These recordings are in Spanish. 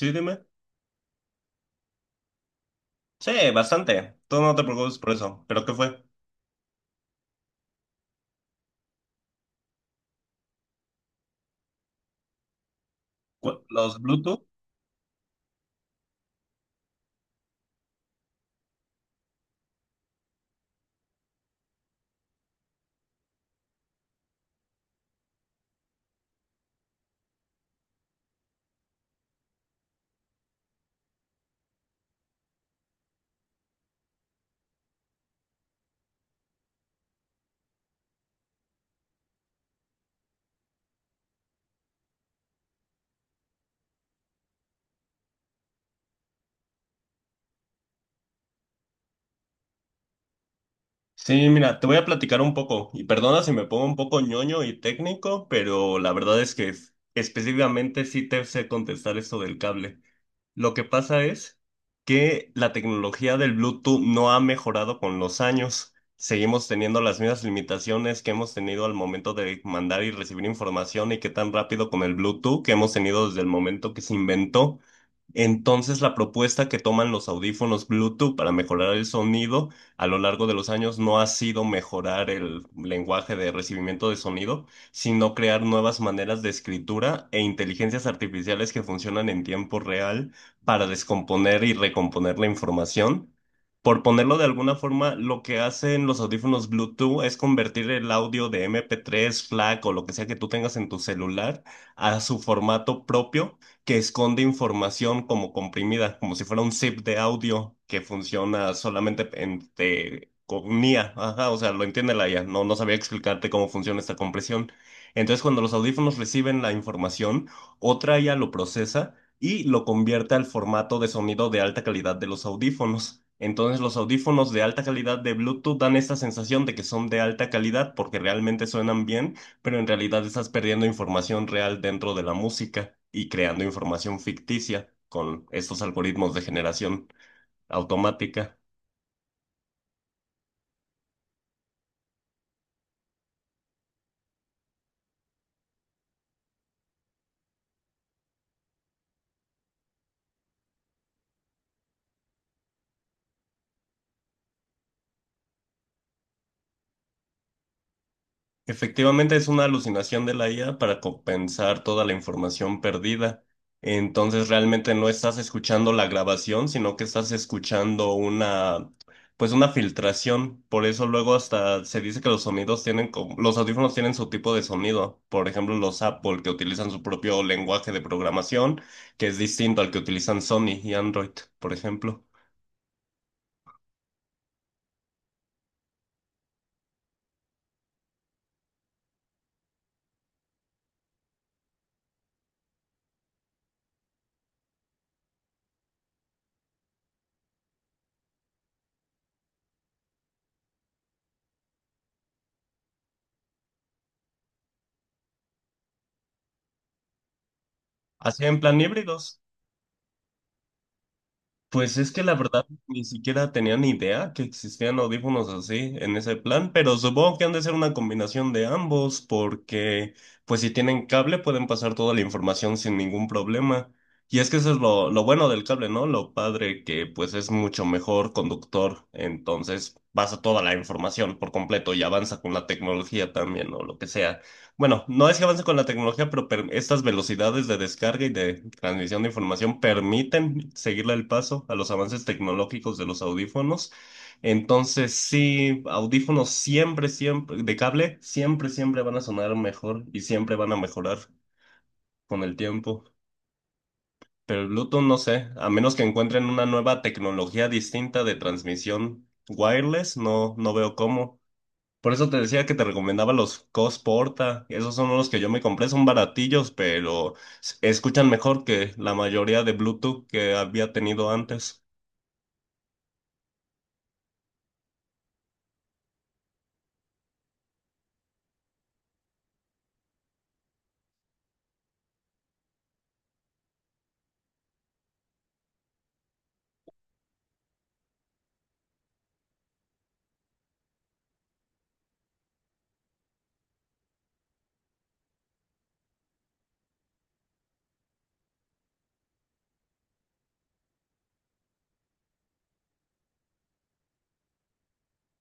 Sí, dime. Sí, bastante. Tú no te preocupes por eso. ¿Pero qué fue? ¿Los Bluetooth? Sí, mira, te voy a platicar un poco, y perdona si me pongo un poco ñoño y técnico, pero la verdad es que específicamente sí te sé contestar esto del cable. Lo que pasa es que la tecnología del Bluetooth no ha mejorado con los años. Seguimos teniendo las mismas limitaciones que hemos tenido al momento de mandar y recibir información y que tan rápido con el Bluetooth que hemos tenido desde el momento que se inventó. Entonces, la propuesta que toman los audífonos Bluetooth para mejorar el sonido a lo largo de los años no ha sido mejorar el lenguaje de recibimiento de sonido, sino crear nuevas maneras de escritura e inteligencias artificiales que funcionan en tiempo real para descomponer y recomponer la información. Por ponerlo de alguna forma, lo que hacen los audífonos Bluetooth es convertir el audio de MP3, FLAC o lo que sea que tú tengas en tu celular a su formato propio que esconde información como comprimida, como si fuera un zip de audio que funciona solamente con IA. Ajá, o sea, lo entiende la IA. No, no sabía explicarte cómo funciona esta compresión. Entonces, cuando los audífonos reciben la información, otra IA lo procesa y lo convierte al formato de sonido de alta calidad de los audífonos. Entonces los audífonos de alta calidad de Bluetooth dan esta sensación de que son de alta calidad porque realmente suenan bien, pero en realidad estás perdiendo información real dentro de la música y creando información ficticia con estos algoritmos de generación automática. Efectivamente, es una alucinación de la IA para compensar toda la información perdida. Entonces, realmente no estás escuchando la grabación, sino que estás escuchando una, pues una filtración. Por eso luego hasta se dice que los sonidos tienen. Los audífonos tienen su tipo de sonido. Por ejemplo, los Apple que utilizan su propio lenguaje de programación, que es distinto al que utilizan Sony y Android, por ejemplo. Así en plan híbridos. Pues es que la verdad ni siquiera tenía ni idea que existían audífonos así en ese plan, pero supongo que han de ser una combinación de ambos porque pues si tienen cable pueden pasar toda la información sin ningún problema. Y es que eso es lo bueno del cable, ¿no? Lo padre que pues es mucho mejor conductor, entonces pasa toda la información por completo y avanza con la tecnología también o lo que sea. Bueno, no es que avance con la tecnología, pero estas velocidades de descarga y de transmisión de información permiten seguirle el paso a los avances tecnológicos de los audífonos. Entonces, sí, audífonos siempre, siempre, de cable, siempre, siempre van a sonar mejor y siempre van a mejorar con el tiempo. Pero el Bluetooth, no sé, a menos que encuentren una nueva tecnología distinta de transmisión wireless, no, no veo cómo. Por eso te decía que te recomendaba los Cosporta. Esos son los que yo me compré, son baratillos, pero escuchan mejor que la mayoría de Bluetooth que había tenido antes.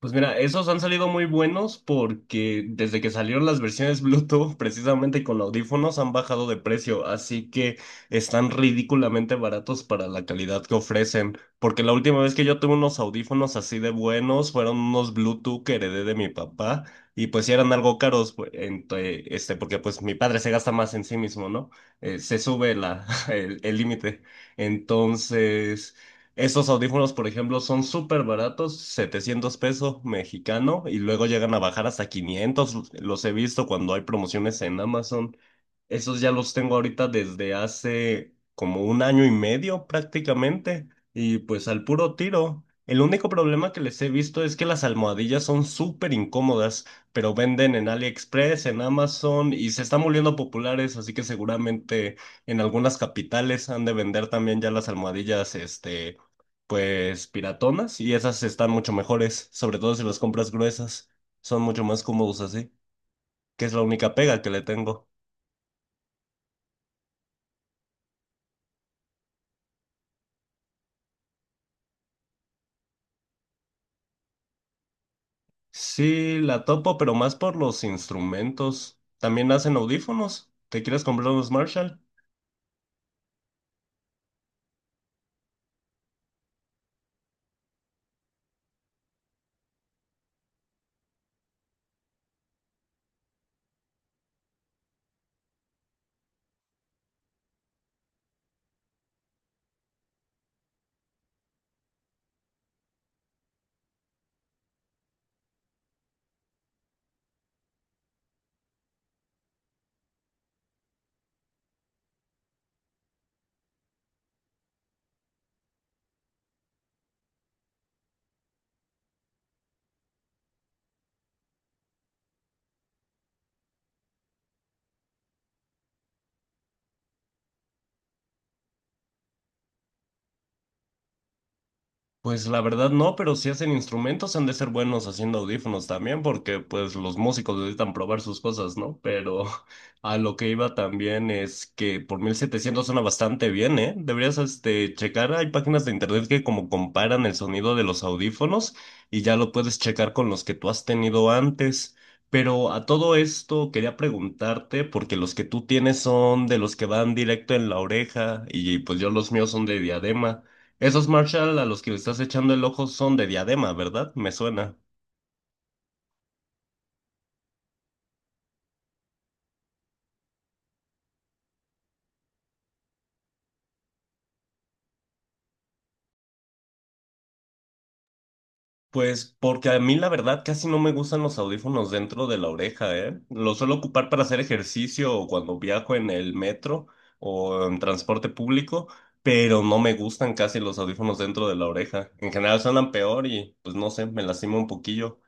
Pues mira, esos han salido muy buenos porque desde que salieron las versiones Bluetooth, precisamente con audífonos, han bajado de precio, así que están ridículamente baratos para la calidad que ofrecen. Porque la última vez que yo tuve unos audífonos así de buenos fueron unos Bluetooth que heredé de mi papá y pues sí eran algo caros, pues, este, porque pues mi padre se gasta más en sí mismo, ¿no? Se sube el límite. Entonces... Esos audífonos, por ejemplo, son súper baratos, 700 pesos mexicano, y luego llegan a bajar hasta 500. Los he visto cuando hay promociones en Amazon. Esos ya los tengo ahorita desde hace como un año y medio prácticamente, y pues al puro tiro. El único problema que les he visto es que las almohadillas son súper incómodas, pero venden en AliExpress, en Amazon, y se están volviendo populares, así que seguramente en algunas capitales han de vender también ya las almohadillas, este, pues piratonas y esas están mucho mejores, sobre todo si las compras gruesas, son mucho más cómodos así, que es la única pega que le tengo. Sí, la topo, pero más por los instrumentos. También hacen audífonos. ¿Te quieres comprar unos Marshall? Pues la verdad no, pero si hacen instrumentos han de ser buenos haciendo audífonos también, porque pues los músicos necesitan probar sus cosas, ¿no? Pero a lo que iba también es que por 1700 suena bastante bien, ¿eh? Deberías este, checar, hay páginas de internet que como comparan el sonido de los audífonos y ya lo puedes checar con los que tú has tenido antes. Pero a todo esto quería preguntarte, porque los que tú tienes son de los que van directo en la oreja y pues yo los míos son de diadema. Esos Marshall a los que le estás echando el ojo son de diadema, ¿verdad? Me suena. Pues porque a mí la verdad casi no me gustan los audífonos dentro de la oreja, ¿eh? Los suelo ocupar para hacer ejercicio o cuando viajo en el metro o en transporte público, pero no me gustan casi los audífonos dentro de la oreja. En general suenan peor y pues no sé, me lastima un poquillo.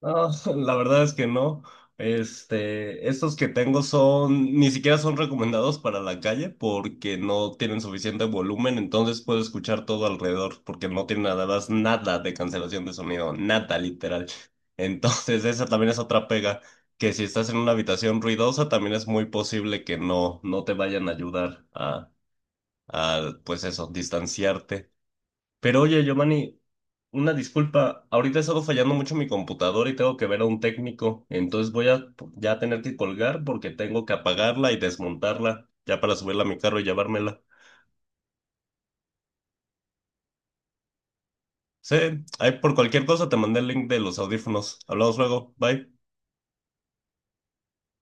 No, la verdad es que no. Este, estos que tengo son, ni siquiera son recomendados para la calle porque no tienen suficiente volumen, entonces puedo escuchar todo alrededor porque no tienen nada, nada de cancelación de sonido, nada literal. Entonces, esa también es otra pega, que si estás en una habitación ruidosa, también es muy posible que no, no te vayan a ayudar a, pues eso, distanciarte. Pero oye, Giovanni, una disculpa, ahorita he estado fallando mucho mi computadora y tengo que ver a un técnico, entonces voy a ya tener que colgar porque tengo que apagarla y desmontarla ya para subirla a mi carro y llevármela. Sí, ahí por cualquier cosa te mandé el link de los audífonos. Hablamos luego, bye.